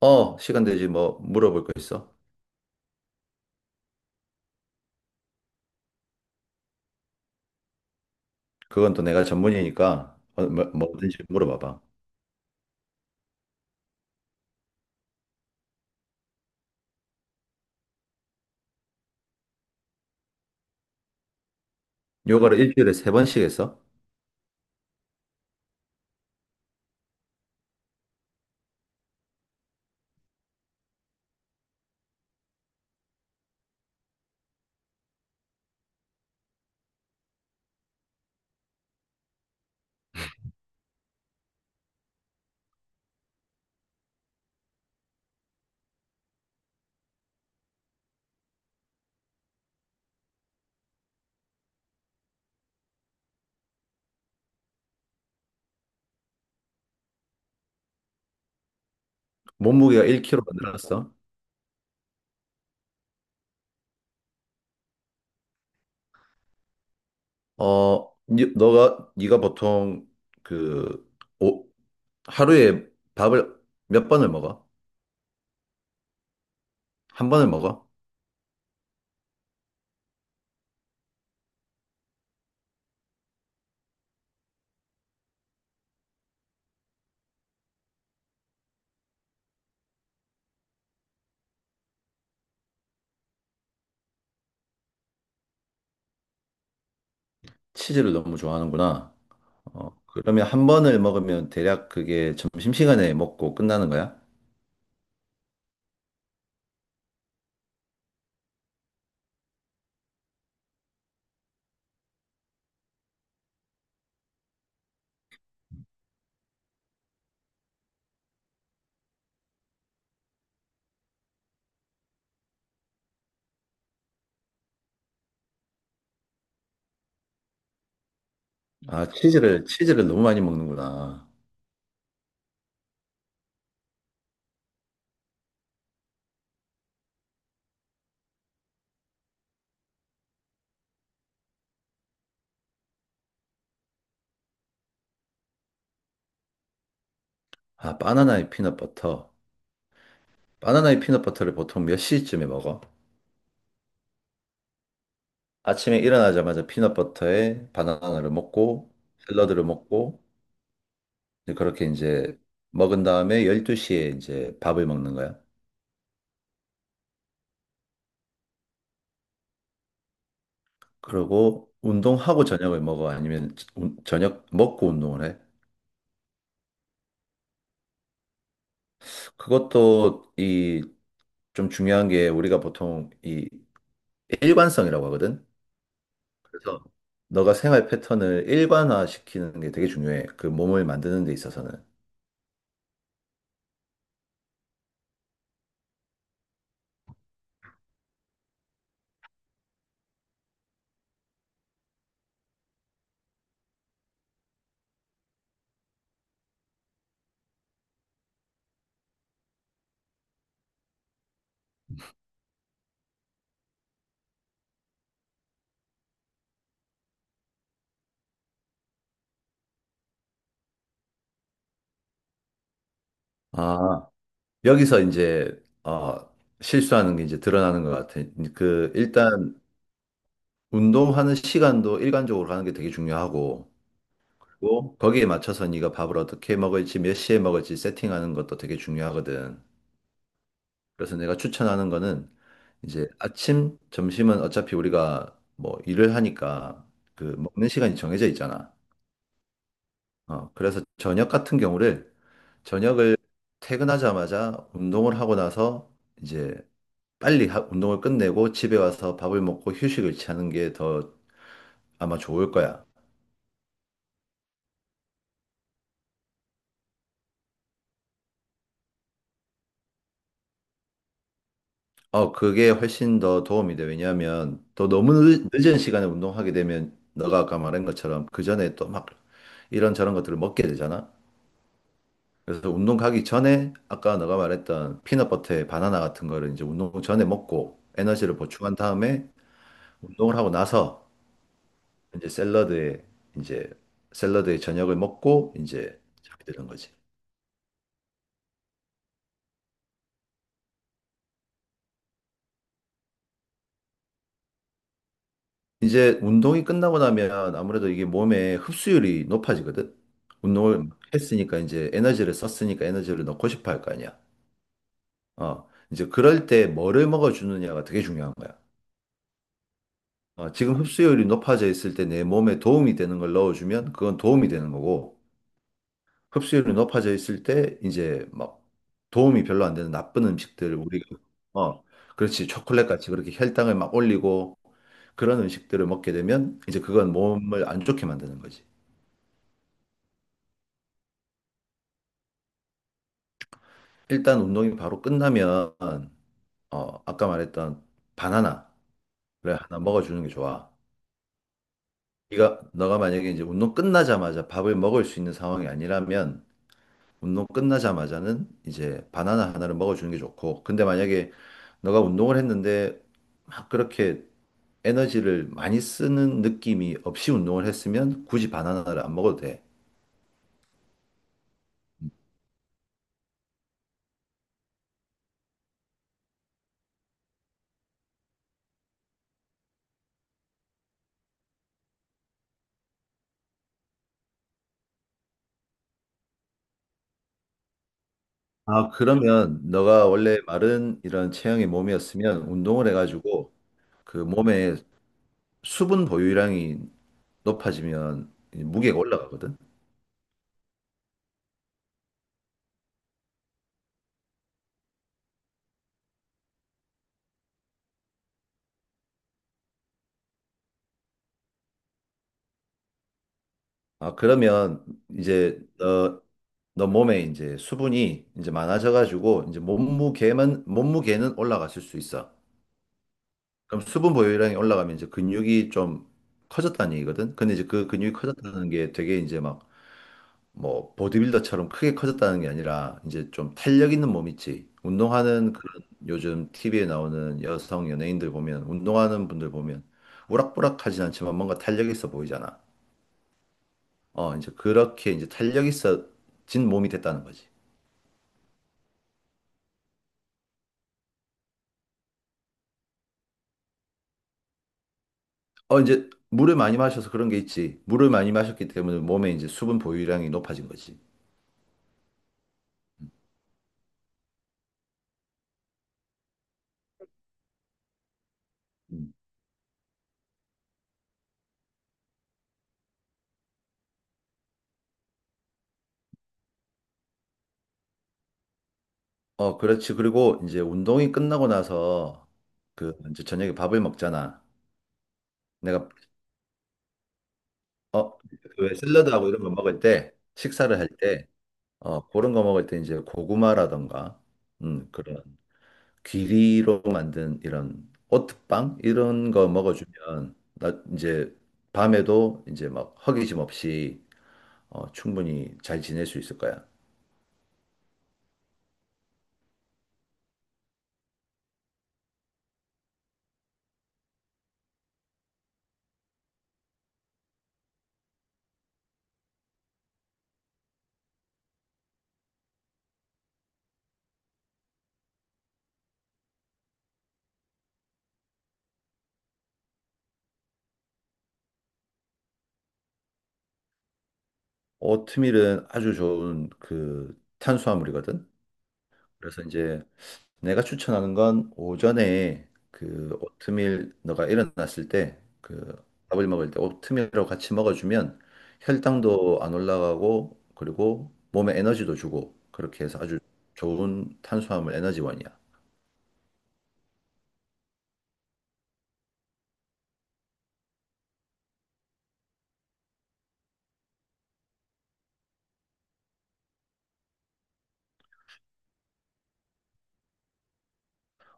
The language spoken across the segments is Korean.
어, 시간 되지. 뭐, 물어볼 거 있어? 그건 또 내가 전문이니까, 뭐든지 물어봐봐. 요가를 일주일에 세 번씩 했어? 몸무게가 1kg 늘 늘었어? 네가 보통, 그, 오, 하루에 밥을 몇 번을 먹어? 한 번을 먹어? 치즈를 너무 좋아하는구나. 그러면 한 번을 먹으면 대략 그게 점심시간에 먹고 끝나는 거야? 아, 치즈를 너무 많이 먹는구나. 아, 바나나에 피넛버터. 바나나의 피넛버터를 보통 몇 시쯤에 먹어? 아침에 일어나자마자 피넛버터에 바나나를 먹고 샐러드를 먹고 이제 그렇게 이제 먹은 다음에 12시에 이제 밥을 먹는 거야. 그리고 운동하고 저녁을 먹어? 아니면 저녁 먹고 운동을 해? 그것도 이 좀 중요한 게 우리가 보통 이 일관성이라고 하거든. 그래서 너가 생활 패턴을 일관화시키는 게 되게 중요해. 그 몸을 만드는 데 있어서는. 아, 여기서 이제 어, 실수하는 게 이제 드러나는 것 같아. 그 일단 운동하는 시간도 일관적으로 하는 게 되게 중요하고 그리고 거기에 맞춰서 네가 밥을 어떻게 먹을지 몇 시에 먹을지 세팅하는 것도 되게 중요하거든. 그래서 내가 추천하는 거는 이제 아침, 점심은 어차피 우리가 뭐 일을 하니까 그 먹는 시간이 정해져 있잖아. 그래서 저녁 같은 경우를 저녁을 퇴근하자마자 운동을 하고 나서 이제 빨리 운동을 끝내고 집에 와서 밥을 먹고 휴식을 취하는 게 더 아마 좋을 거야. 그게 훨씬 더 도움이 돼. 왜냐하면 또 너무 늦은 시간에 운동하게 되면 너가 아까 말한 것처럼 그 전에 또 막 이런저런 것들을 먹게 되잖아. 그래서 운동 가기 전에 아까 너가 말했던 피넛버터에 바나나 같은 거를 이제 운동 전에 먹고 에너지를 보충한 다음에 운동을 하고 나서 이제 이제 샐러드에 저녁을 먹고 이제 잠이 드는 거지. 이제 운동이 끝나고 나면 아무래도 이게 몸에 흡수율이 높아지거든. 운동을 했으니까 이제 에너지를 썼으니까 에너지를 넣고 싶어 할 거 아니야. 이제 그럴 때 뭐를 먹어주느냐가 되게 중요한 거야. 지금 흡수율이 높아져 있을 때 내 몸에 도움이 되는 걸 넣어주면 그건 도움이 되는 거고, 흡수율이 높아져 있을 때 이제 막 도움이 별로 안 되는 나쁜 음식들을 우리가, 어, 그렇지. 초콜릿 같이 그렇게 혈당을 막 올리고 그런 음식들을 먹게 되면 이제 그건 몸을 안 좋게 만드는 거지. 일단 운동이 바로 끝나면 아까 말했던 바나나를 하나 먹어주는 게 좋아. 네가 너가 만약에 이제 운동 끝나자마자 밥을 먹을 수 있는 상황이 아니라면 운동 끝나자마자는 이제 바나나 하나를 먹어주는 게 좋고 근데 만약에 너가 운동을 했는데 막 그렇게 에너지를 많이 쓰는 느낌이 없이 운동을 했으면 굳이 바나나를 안 먹어도 돼. 아, 그러면 너가 원래 마른 이런 체형의 몸이었으면 운동을 해가지고 그 몸에 수분 보유량이 높아지면 이제 무게가 올라가거든. 아, 그러면 이제 너 몸에 이제 수분이 이제 많아져가지고 이제 몸무게는 올라갔을 수 있어. 그럼 수분 보유량이 올라가면 이제 근육이 좀 커졌다는 얘기거든. 근데 이제 그 근육이 커졌다는 게 되게 이제 막 뭐 보디빌더처럼 크게 커졌다는 게 아니라 이제 좀 탄력 있는 몸 있지. 운동하는 그런 요즘 TV에 나오는 여성 연예인들 보면 운동하는 분들 보면 우락부락하진 않지만 뭔가 탄력 있어 보이잖아. 이제 그렇게 이제 탄력 있어진 몸이 됐다는 거지. 이제 물을 많이 마셔서 그런 게 있지. 물을 많이 마셨기 때문에 몸에 이제 수분 보유량이 높아진 거지. 음. 그렇지. 그리고 이제 운동이 끝나고 나서 그 이제 저녁에 밥을 먹잖아. 내가 어, 왜 샐러드하고 이런 거 먹을 때, 식사를 할 때, 그런 거 먹을 때 이제 고구마라던가, 그런 귀리로 만든 이런 오트빵 이런 거 먹어주면, 나 이제 밤에도 이제 막 허기짐 없이 충분히 잘 지낼 수 있을 거야. 오트밀은 아주 좋은 그 탄수화물이거든. 그래서 이제 내가 추천하는 건 오전에 그 오트밀 너가 일어났을 때 그 밥을 먹을 때 오트밀하고 같이 먹어주면 혈당도 안 올라가고 그리고 몸에 에너지도 주고 그렇게 해서 아주 좋은 탄수화물 에너지원이야.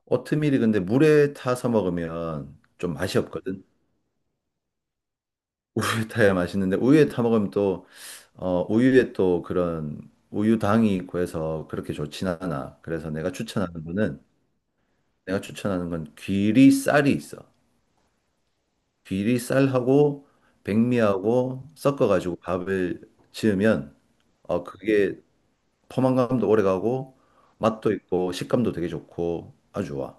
오트밀이 근데 물에 타서 먹으면 좀 맛이 없거든. 우유에 타야 맛있는데 우유에 타 먹으면 또 우유에 또 그런 우유당이 있고 해서 그렇게 좋진 않아. 그래서 내가 추천하는 건 귀리 쌀이 있어. 귀리 쌀하고 백미하고 섞어가지고 밥을 지으면 그게 포만감도 오래가고 맛도 있고 식감도 되게 좋고 아주 좋아.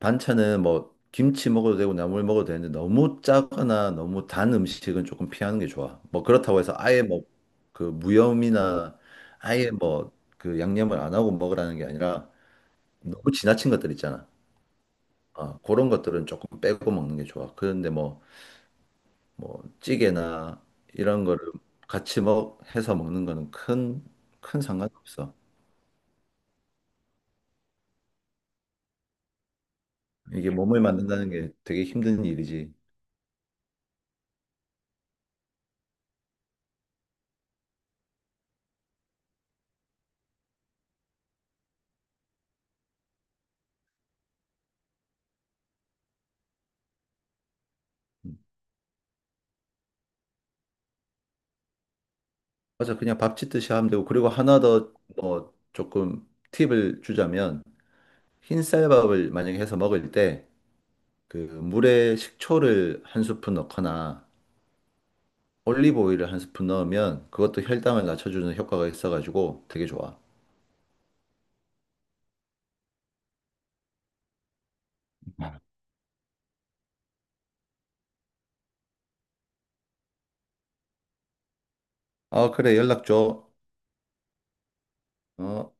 반찬은 뭐 김치 먹어도 되고 나물 먹어도 되는데 너무 짜거나 너무 단 음식은 조금 피하는 게 좋아. 뭐 그렇다고 해서 아예 뭐 그 무염이나 아예 뭐 그 양념을 안 하고 먹으라는 게 아니라 너무 지나친 것들 있잖아. 아, 그런 것들은 조금 빼고 먹는 게 좋아. 그런데 뭐, 찌개나 이런 거를 같이 해서 먹는 거는 큰 상관없어. 이게 몸을 만든다는 게 되게 힘든 일이지. 맞아, 그냥 밥 짓듯이 하면 되고. 그리고 하나 더 뭐, 조금 팁을 주자면, 흰쌀밥을 만약에 해서 먹을 때, 그 물에 식초를 한 스푼 넣거나, 올리브 오일을 한 스푼 넣으면 그것도 혈당을 낮춰주는 효과가 있어가지고 되게 좋아. 아, 그래, 연락 줘. 어.